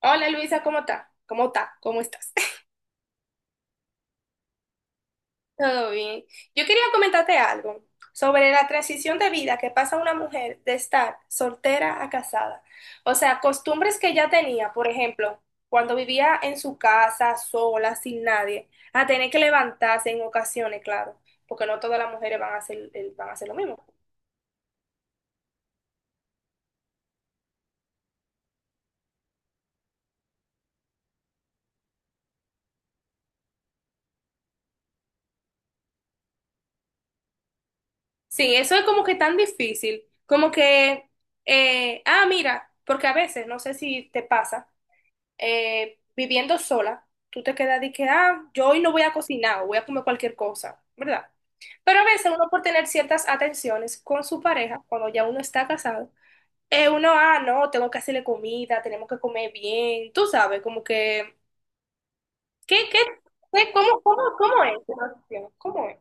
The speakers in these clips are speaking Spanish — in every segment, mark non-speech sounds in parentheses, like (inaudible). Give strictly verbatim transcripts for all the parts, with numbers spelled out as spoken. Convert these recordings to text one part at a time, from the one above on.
Hola Luisa, ¿cómo está? ¿Cómo está? ¿Cómo estás? (laughs) Todo bien. Yo quería comentarte algo sobre la transición de vida que pasa una mujer de estar soltera a casada. O sea, costumbres que ya tenía, por ejemplo, cuando vivía en su casa sola, sin nadie, a tener que levantarse en ocasiones, claro, porque no todas las mujeres van a hacer, eh, van a hacer lo mismo. Sí, eso es como que tan difícil, como que, eh, ah, mira, porque a veces, no sé si te pasa. Eh, viviendo sola, tú te quedas de que, ah, yo hoy no voy a cocinar o voy a comer cualquier cosa, ¿verdad? Pero a veces uno por tener ciertas atenciones con su pareja, cuando ya uno está casado, eh, uno, ah, no, tengo que hacerle comida, tenemos que comer bien, tú sabes, como que, ¿qué, qué, qué- cómo, cómo, cómo es tu relación? ¿Cómo es?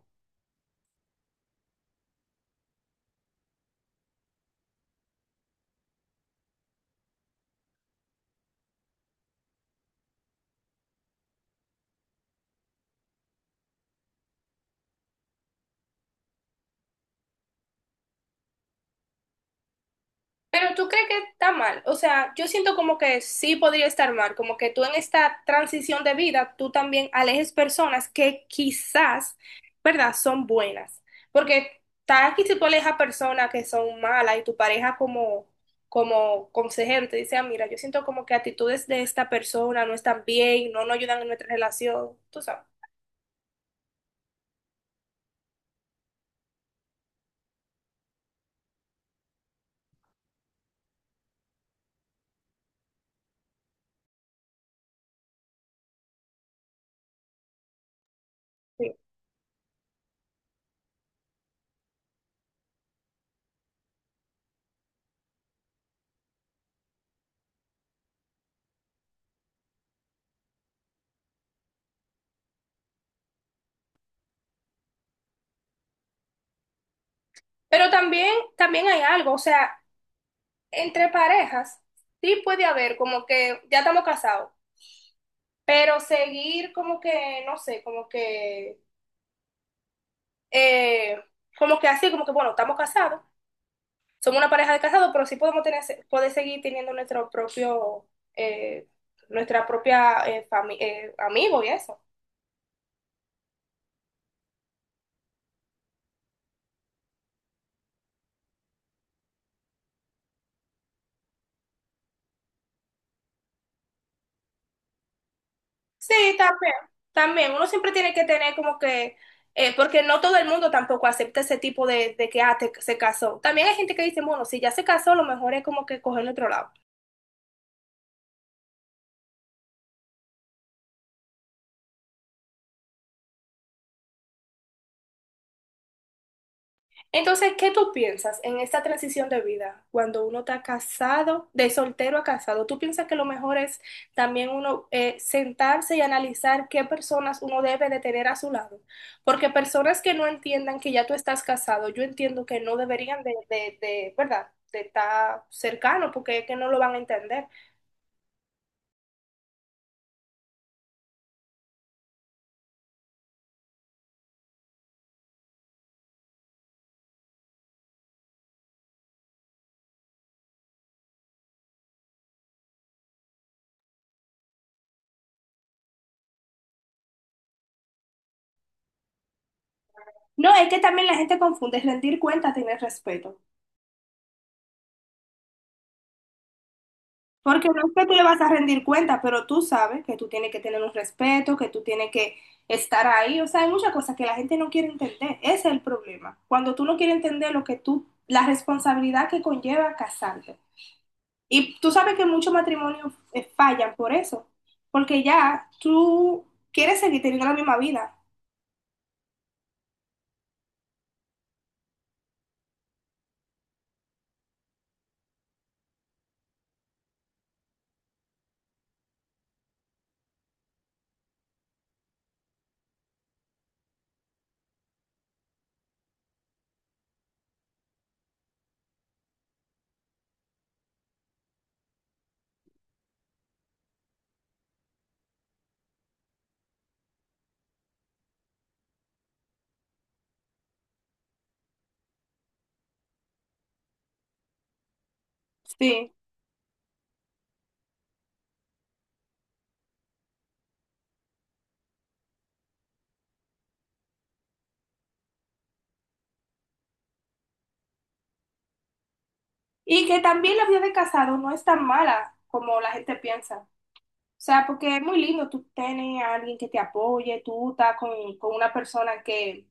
Pero tú crees que está mal, o sea, yo siento como que sí podría estar mal, como que tú en esta transición de vida, tú también alejes personas que quizás, ¿verdad?, son buenas. Porque tal que si tú alejas personas que son malas y tu pareja como, como consejero te dice, ah, mira, yo siento como que actitudes de esta persona no están bien, no nos ayudan en nuestra relación, tú sabes. Sí. Pero también, también hay algo, o sea, entre parejas sí puede haber como que ya estamos casados. Pero seguir como que, no sé, como que, eh, como que así, como que, bueno, estamos casados, somos una pareja de casados, pero sí podemos tener, poder seguir teniendo nuestro propio, eh, nuestra propia eh, fami- eh, amigo y eso. Sí, también, también, uno siempre tiene que tener como que, eh, porque no todo el mundo tampoco acepta ese tipo de, de que, ah, te- se casó. También hay gente que dice, bueno, si ya se casó, lo mejor es como que cogerlo otro lado. Entonces, ¿qué tú piensas en esta transición de vida cuando uno está casado, de soltero a casado? ¿Tú piensas que lo mejor es también uno eh, sentarse y analizar qué personas uno debe de tener a su lado? Porque personas que no entiendan que ya tú estás casado, yo entiendo que no deberían de, de, de, ¿verdad? De estar cercano porque es que no lo van a entender. No, es que también la gente confunde rendir cuentas, tener respeto. Porque no es que tú le vas a rendir cuenta, pero tú sabes que tú tienes que tener un respeto, que tú tienes que estar ahí. O sea, hay muchas cosas que la gente no quiere entender. Ese es el problema. Cuando tú no quieres entender lo que tú, la responsabilidad que conlleva casarte. Y tú sabes que muchos matrimonios eh, fallan por eso. Porque ya tú quieres seguir teniendo la misma vida. Sí. Y que también la vida de casado no es tan mala como la gente piensa. O sea, porque es muy lindo tú tener a alguien que te apoye, tú estás con, con una persona que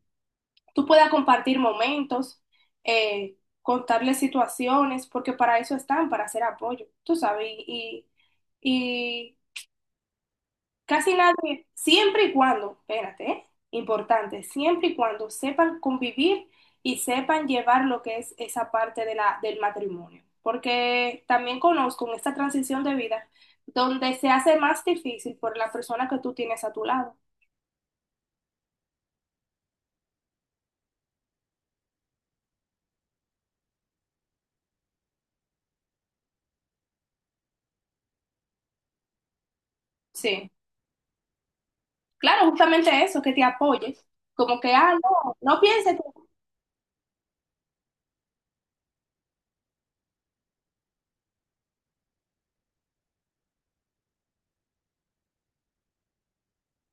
tú puedas compartir momentos, eh, contarle situaciones, porque para eso están, para hacer apoyo, tú sabes, y, y, casi nadie, siempre y cuando, espérate, ¿eh? Importante, siempre y cuando sepan convivir y sepan llevar lo que es esa parte de la, del matrimonio. Porque también conozco en esta transición de vida donde se hace más difícil por la persona que tú tienes a tu lado. Sí, claro, justamente eso, que te apoyes. Como que, ah, no, no pienses que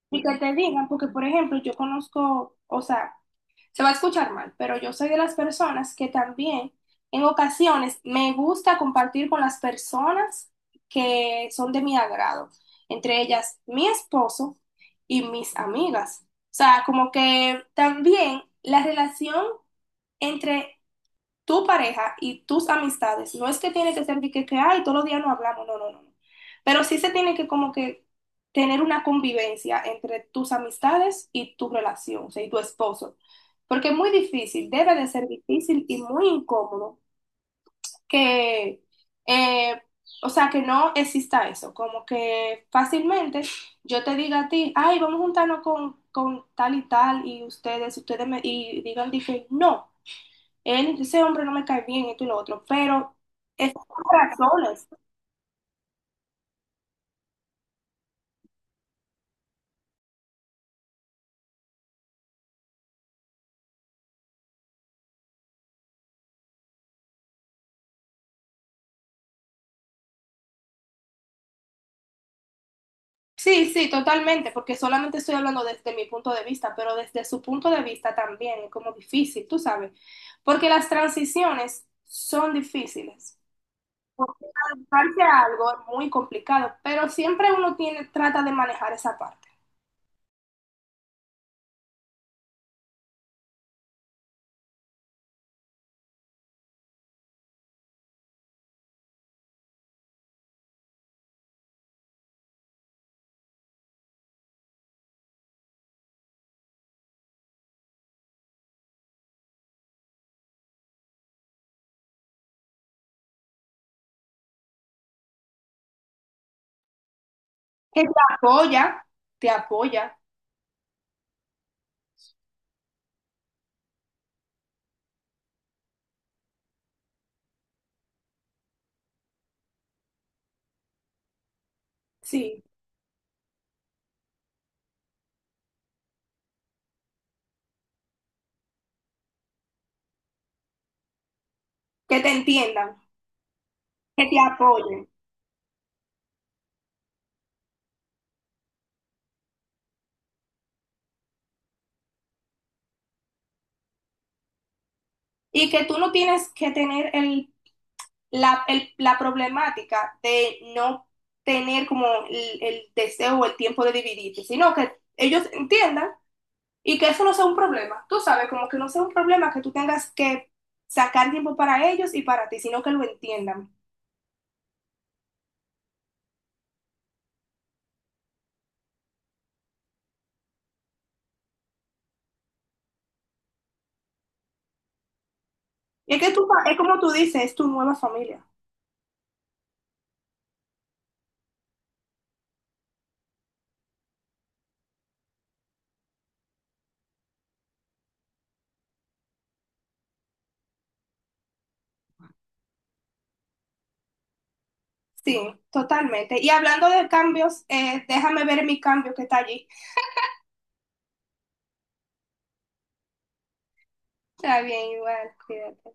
y que te digan, porque por ejemplo, yo conozco, o sea, se va a escuchar mal, pero yo soy de las personas que también en ocasiones me gusta compartir con las personas que son de mi agrado, entre ellas mi esposo y mis amigas. O sea, como que también la relación entre tu pareja y tus amistades. No es que tiene que ser de que, que, ay, todos los días no hablamos, no, no, no. no. Pero sí se tiene que como que tener una convivencia entre tus amistades y tu relación, o sea, y tu esposo. Porque es muy difícil, debe de ser difícil y muy incómodo que, eh, o sea, que no exista eso, como que fácilmente yo te diga a ti, ay, vamos a juntarnos con, con tal y tal, y ustedes, ustedes me, y digan, dije, no, él, ese hombre no me cae bien, esto y lo otro, pero es por razones. Sí, sí, totalmente, porque solamente estoy hablando desde mi punto de vista, pero desde su punto de vista también es como difícil, tú sabes, porque las transiciones son difíciles. Porque adaptarse a algo es muy complicado, pero siempre uno tiene, trata de manejar esa parte. Que te apoya, te apoya, sí, que te entiendan, que te apoyen y que tú no tienes que tener el la, el- la problemática de no tener como el, el deseo o el tiempo de dividirte, sino que ellos entiendan y que eso no sea un problema. Tú sabes, como que no sea un problema que tú tengas que sacar tiempo para ellos y para ti, sino que lo entiendan. Y es que tú, es como tú dices, es tu nueva familia. Sí, totalmente. Y hablando de cambios, eh, déjame ver mi cambio que está allí. Está bien, igual, cuídate.